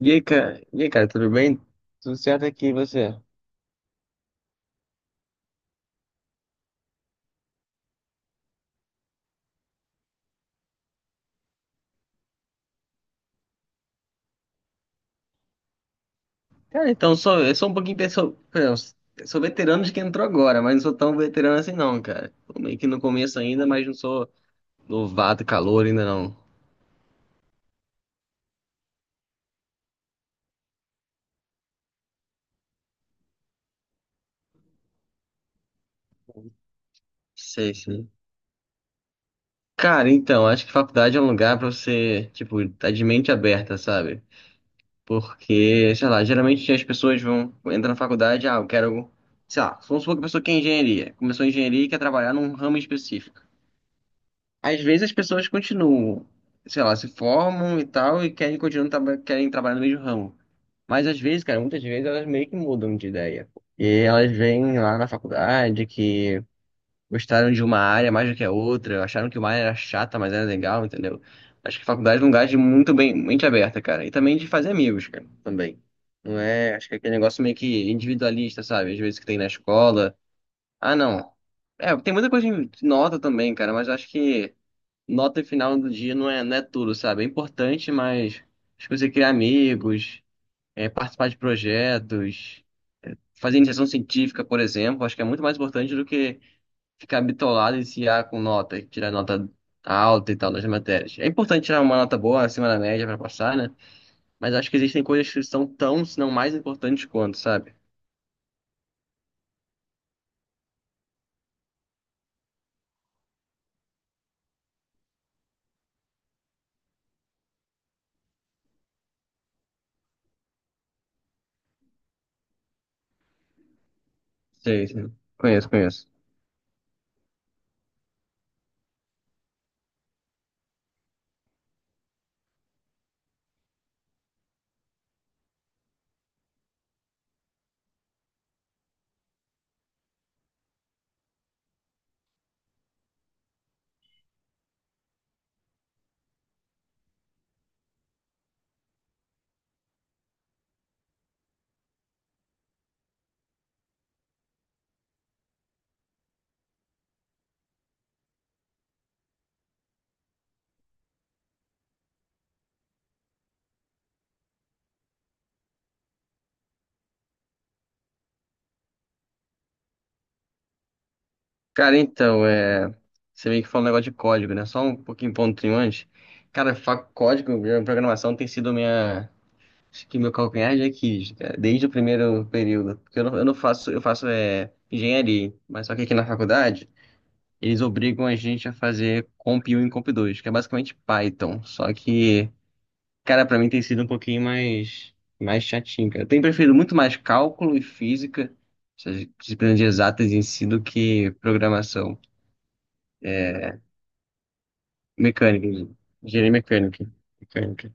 E aí, cara? E aí, cara, tudo bem? Tudo certo aqui, e você? Cara, então, eu sou um pouquinho... Sou veterano de quem entrou agora, mas não sou tão veterano assim não, cara. Tô meio que no começo ainda, mas não sou novato, calor ainda não. Sei, sei. Cara, então, acho que faculdade é um lugar pra você, tipo, tá de mente aberta, sabe? Porque, sei lá, geralmente as pessoas vão entrar na faculdade, ah, eu quero, sei lá, vamos supor que a pessoa quer engenharia, começou a engenharia e quer trabalhar num ramo específico. Às vezes as pessoas continuam, sei lá, se formam e tal, e querem continuar, querem trabalhar no mesmo ramo. Mas às vezes, cara, muitas vezes elas meio que mudam de ideia. E elas vêm lá na faculdade que gostaram de uma área mais do que a outra, acharam que uma área era chata, mas era legal, entendeu? Acho que faculdade é um lugar de muito bem, mente aberta, cara. E também de fazer amigos, cara, também. Não é, acho que é aquele negócio meio que individualista, sabe? Às vezes que tem na escola. Ah, não. É, tem muita coisa de nota também, cara, mas acho que nota final do dia não é tudo, sabe? É importante, mas acho que você criar amigos, participar de projetos, fazer iniciação científica, por exemplo, acho que é muito mais importante do que ficar bitolado e se ah, com nota, tirar nota alta e tal das matérias. É importante tirar uma nota boa acima da média para passar, né? Mas acho que existem coisas que são tão, se não mais importantes quanto, sabe? Sei, sei. Conheço, conheço. Cara, então, é... você meio que falou um negócio de código, né? Só um pouquinho pontinho antes. Cara, código, minha programação tem sido minha. Acho que meu calcanhar de Aquiles, cara, desde o primeiro período. Porque eu não faço, eu faço é, engenharia, mas só que aqui na faculdade, eles obrigam a gente a fazer Comp 1 e Comp 2, que é basicamente Python. Só que, cara, pra mim tem sido um pouquinho mais, mais chatinho, cara. Eu tenho preferido muito mais cálculo e física, essas disciplinas de exatas em si, do que programação. Mecânica, engenharia mecânica. Mecânica.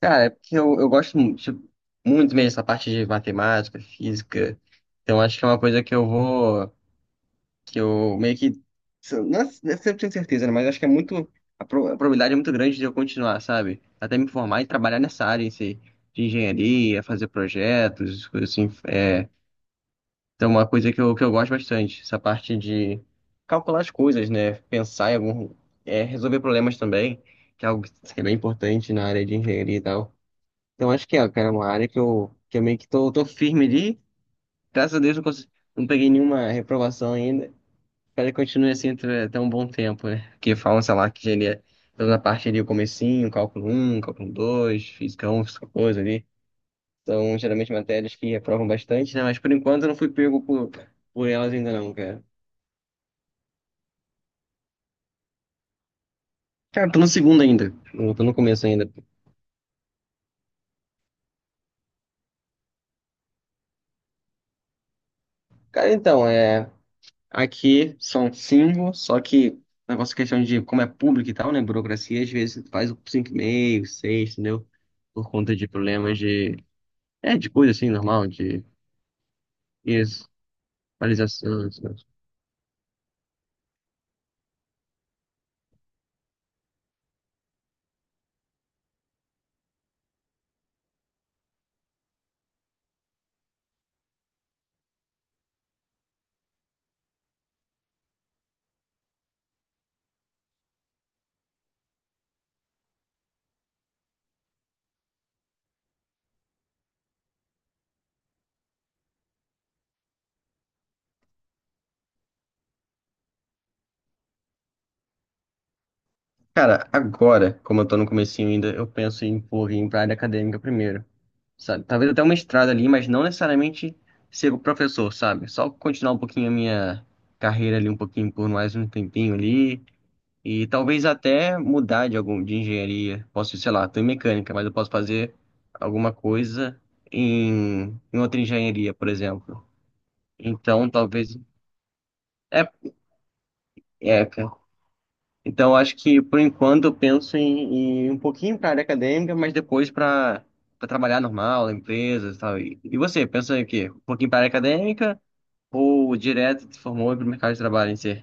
Cara, é porque eu tipo, muito mesmo dessa parte de matemática, física. Então acho que é uma coisa que eu vou. Que eu meio que. Se eu- Não é 100% certeza, né? Mas acho que é muito. A probabilidade é muito grande de eu continuar, sabe? Até me formar e trabalhar nessa área em si, de engenharia, fazer projetos, coisas assim. Então, uma coisa que eu gosto bastante, essa parte de calcular as coisas, né? Pensar em algum. Resolver problemas também, que é algo que é bem importante na área de engenharia e tal. Então, acho que é, cara, é uma área que eu meio que tô firme ali. Graças a Deus, não, consegui, não peguei nenhuma reprovação ainda. Espero que continue assim até um bom tempo, né? Porque falam, sei lá, que engenharia, toda a parte ali, o comecinho, cálculo um, cálculo 2, física um, física 2 ali. São geralmente matérias que reprovam bastante, né? Mas por enquanto eu não fui pego por elas ainda não, cara. Cara, tô no segundo ainda. Eu tô no começo ainda. Cara, então, é... Aqui são cinco, só que negócio é questão de como é público e tal, né? Burocracia, às vezes faz um cinco e meio, seis, entendeu? Por conta de problemas de... É, de coisa assim, normal, de... Isso. Atualização, isso. Cara, agora, como eu tô no comecinho ainda, eu penso em, pô, ir pra área acadêmica primeiro. Sabe? Talvez até um mestrado ali, mas não necessariamente ser professor, sabe? Só continuar um pouquinho a minha carreira ali, um pouquinho por mais um tempinho ali. E talvez até mudar de algum de engenharia. Posso, sei lá, estou em mecânica, mas eu posso fazer alguma coisa em, em outra engenharia, por exemplo. Então, talvez. É, é, Então, acho que por enquanto eu penso em, em um pouquinho para a área acadêmica, mas depois para trabalhar normal, na empresa, e tal. E você, pensa em quê? Um pouquinho para a área acadêmica ou direto se formou para o mercado de trabalho em si?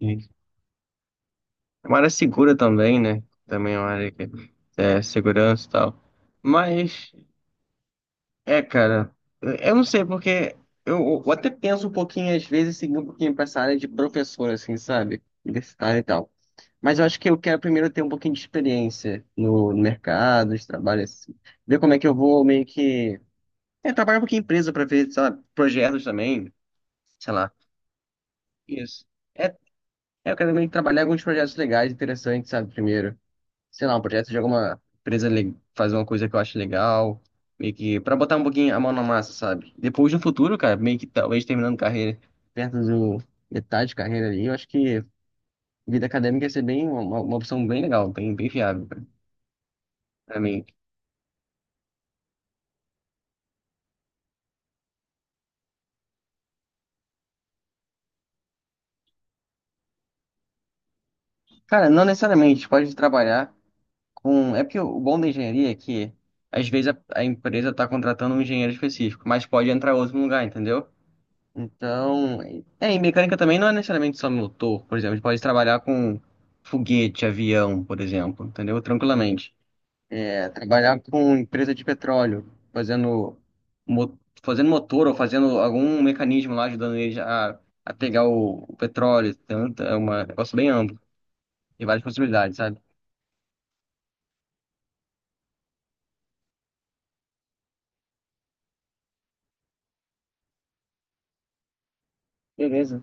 Isso. É uma área segura também, né? Também é uma área que é segurança e tal. Mas é, cara, eu não sei, porque eu até penso um pouquinho, às vezes, seguir um pouquinho pra essa área de professor, assim, sabe? Universitário e tal. Mas eu acho que eu quero primeiro ter um pouquinho de experiência no, no mercado, de trabalho, assim. Ver como é que eu vou meio que. É, trabalhar um pouquinho em empresa pra ver, sei lá, projetos também, sei lá. Isso. É, eu quero meio que trabalhar alguns projetos legais, interessantes, sabe, primeiro sei lá, um projeto de alguma empresa fazer uma coisa que eu acho legal, meio que pra botar um pouquinho a mão na massa, sabe? Depois no futuro, cara, meio que talvez terminando carreira perto do metade de carreira ali, eu acho que vida acadêmica ia ser bem uma opção bem legal, bem, bem viável cara, pra mim. Cara, não necessariamente pode trabalhar com, é porque o bom da engenharia é que às vezes a empresa tá contratando um engenheiro específico, mas pode entrar outro no lugar, entendeu? Então, é, e mecânica também não é necessariamente só motor, por exemplo, a gente pode trabalhar com foguete, avião, por exemplo, entendeu? Tranquilamente. É, trabalhar com empresa de petróleo, fazendo, mo- fazendo motor ou fazendo algum mecanismo lá ajudando eles a pegar o petróleo, tanto, é é um negócio bem amplo, tem várias possibilidades, sabe? Beleza.